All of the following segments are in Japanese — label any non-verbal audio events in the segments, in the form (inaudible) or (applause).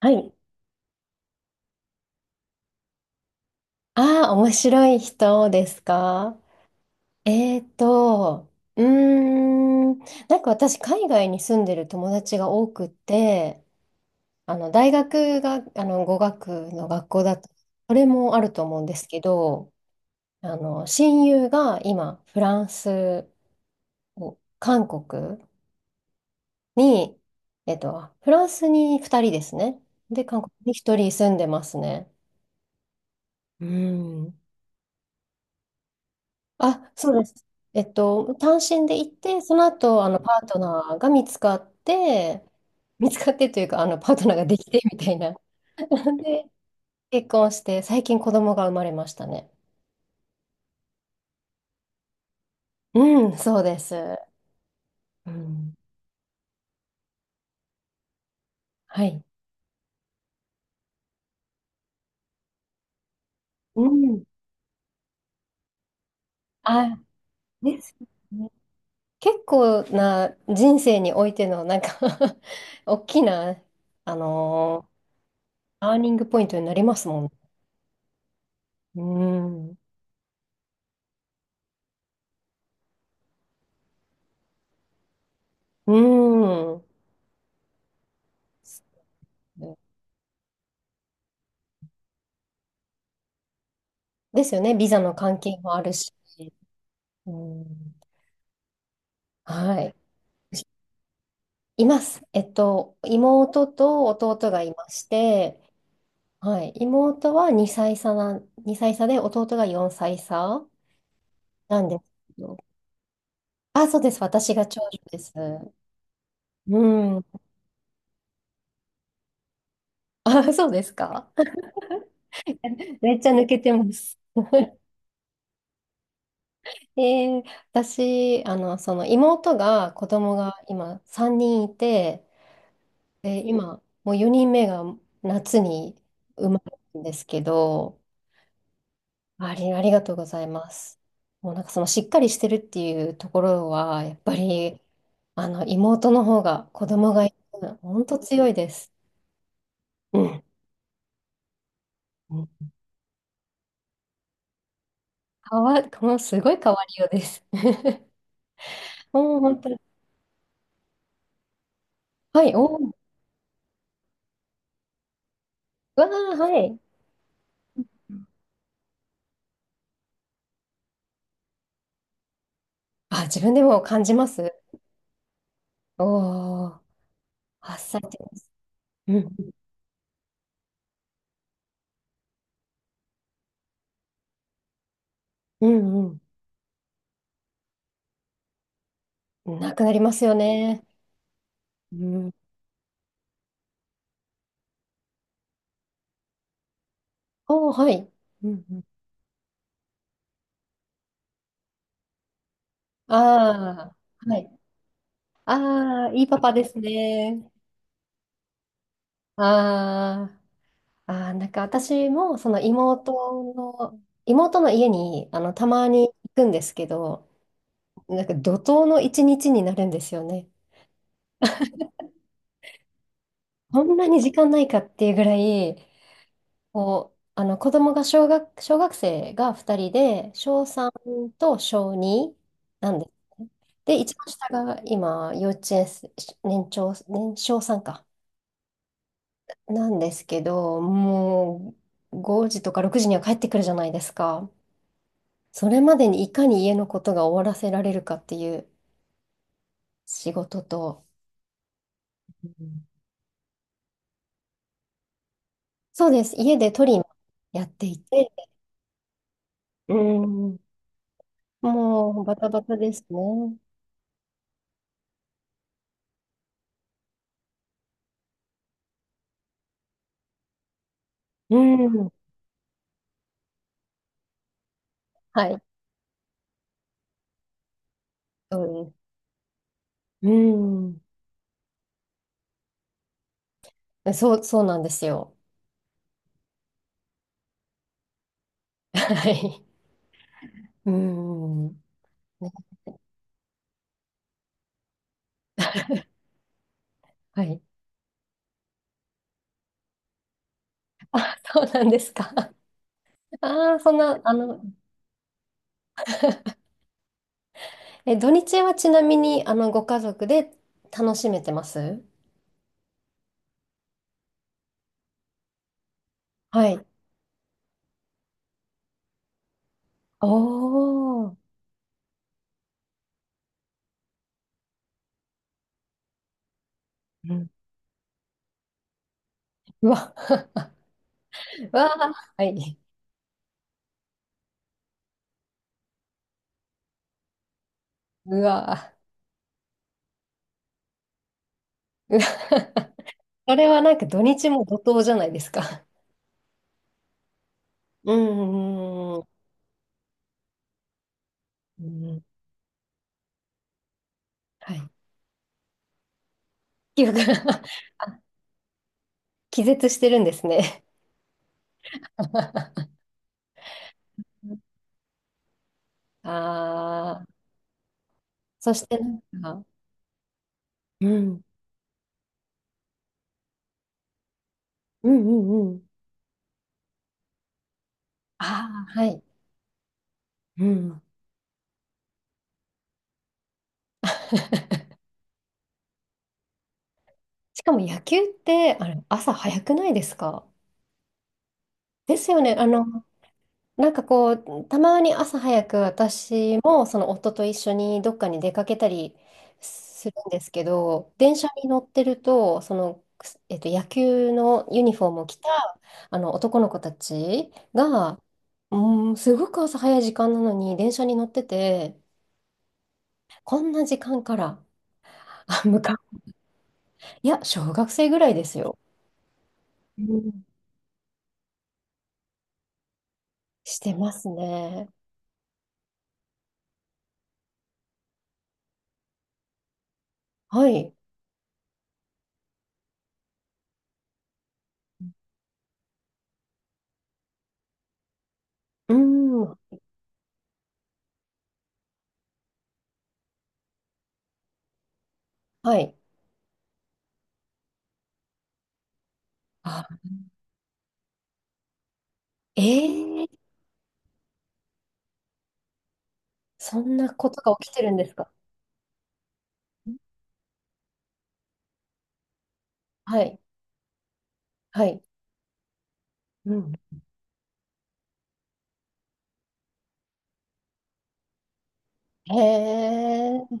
はい。ああ、面白い人ですか？えーと、うーん、なんか私、海外に住んでる友達が多くて、大学が、語学の学校だと、それもあると思うんですけど、親友が今、フランスを、韓国に、フランスに2人ですね。で、韓国に1人住んでますね。うん。あ、そうです。単身で行って、その後、パートナーが見つかって、見つかってというか、パートナーができてみたいな。(laughs) で、結婚して、最近子供が生まれましたね。うん、そうです。うん、はい。うん。あ、ですね。結構な人生においての、なんか (laughs) 大きな、あのーターニングポイントになりますもん。うん。うん。ですよね。ビザの関係もあるし。うん、はい。います。妹と弟がいまして、はい。妹は2歳差で、弟が4歳差なんですけど。あ、そうです。私が長女です。うん。あ、そうですか？(laughs) めっちゃ抜けてます。えー私、その妹が、子供が今3人いて、で、今、もう4人目が夏に生まれたんですけど、ありがとうございます。もうなんかそのしっかりしてるっていうところは、やっぱり、妹の方が子供がいる、本当強いです。うん。うん、もうすごい変わりようです。(laughs) もう本当に。はい、おお、うわー、はい。あ、自分でも感じます。おお、8歳ってことです。うん、うん、うん。なくなりますよね。うん、おー、はい。うんうん。ああ、はい。ああ、いいパパですね。ああ、ああ、なんか私も、その妹の家に、たまに行くんですけど、なんか怒涛の一日になるんですよね。こんなに時間ないかっていうぐらい、こう、子供が小学生が2人で、小3と小2なんですね。で、一番下が今、幼稚園生、年長、年少さんか。なんですけど、もう5時とか6時には帰ってくるじゃないですか。それまでにいかに家のことが終わらせられるかっていう仕事と、うん、そうです。家でトリマーやっていて、うん、もうバタバタですね。うん。はい。そうです。うん。そう、そうなんですよ。はい。うん。ね、はい。あ、そうなんですか？ああ、そんな、え、土日はちなみに、ご家族で楽しめてます？はい。おー。うん。うわ。(laughs) うわー。はい。うわー。うわー (laughs) これはなんか土日も怒涛じゃないですか。うんうんうんうん。うん、はい。(laughs) 記憶が (laughs) あ、気絶してるんですね。(laughs) ああ、そして、なんか、うん、うんうんうん。ああ、はい。うん。(laughs) しかも野球って、あれ、朝早くないですか？ですよね。なんかこう、たまに朝早く私もその夫と一緒にどっかに出かけたりするんですけど、電車に乗ってると、野球のユニフォームを着たあの男の子たちが、うん、すごく朝早い時間なのに電車に乗ってて、こんな時間から、あ、むか、いや、小学生ぐらいですよ。うん、してますね。はい。うん。はい。あ、ええ、そんなことが起きてるんですか？はい。はい。うん。へえ。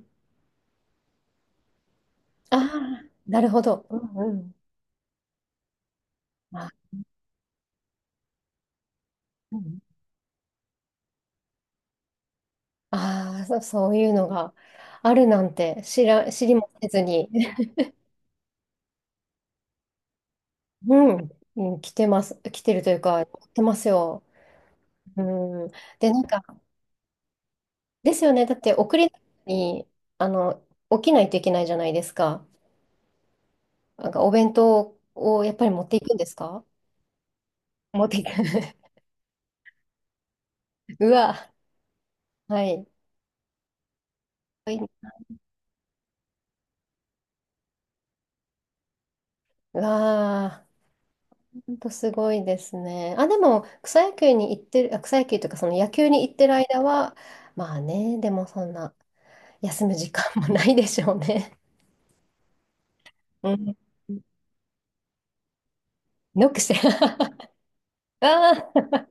ああ、なるほど。うんうん。あ、うん、あー、そういうのがあるなんて知りもせずに。(laughs) うん。うん、来てます。来てるというか、来てますよ。うん。で、なんか、ですよね。だって、送りに、あの、起きないといけないじゃないですか。なんか、お弁当をやっぱり持っていくんですか？持っていく。(laughs) うわ。はい。わあ、ほんとすごいですね。あ、でも、草野球に行ってる、あ、草野球というか、その野球に行ってる間は、まあね、でもそんな、休む時間もないでしょうね。うん。ノックして。(laughs) あー、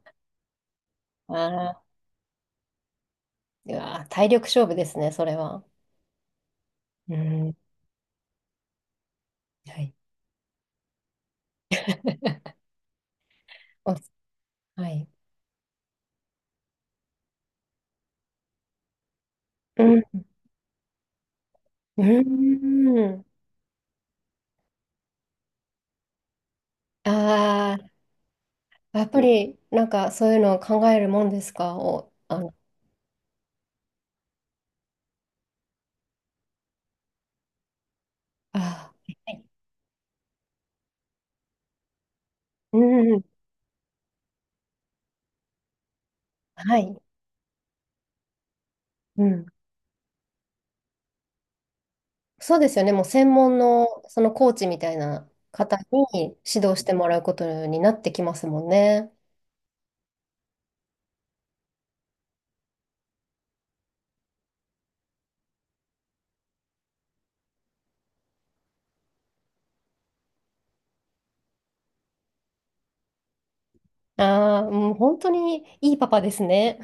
あー、うわあ、体力勝負ですね、それは。うん。はい。(laughs) お、はい。うん。うん。ああ、やっぱり、なんかそういうのを考えるもんですか？お、あの、ああ、はい。うん。はい。うん。そうですよね。もう専門のそのコーチみたいな方に指導してもらうことになってきますもんね。ああ、うん、本当にいいパパですね。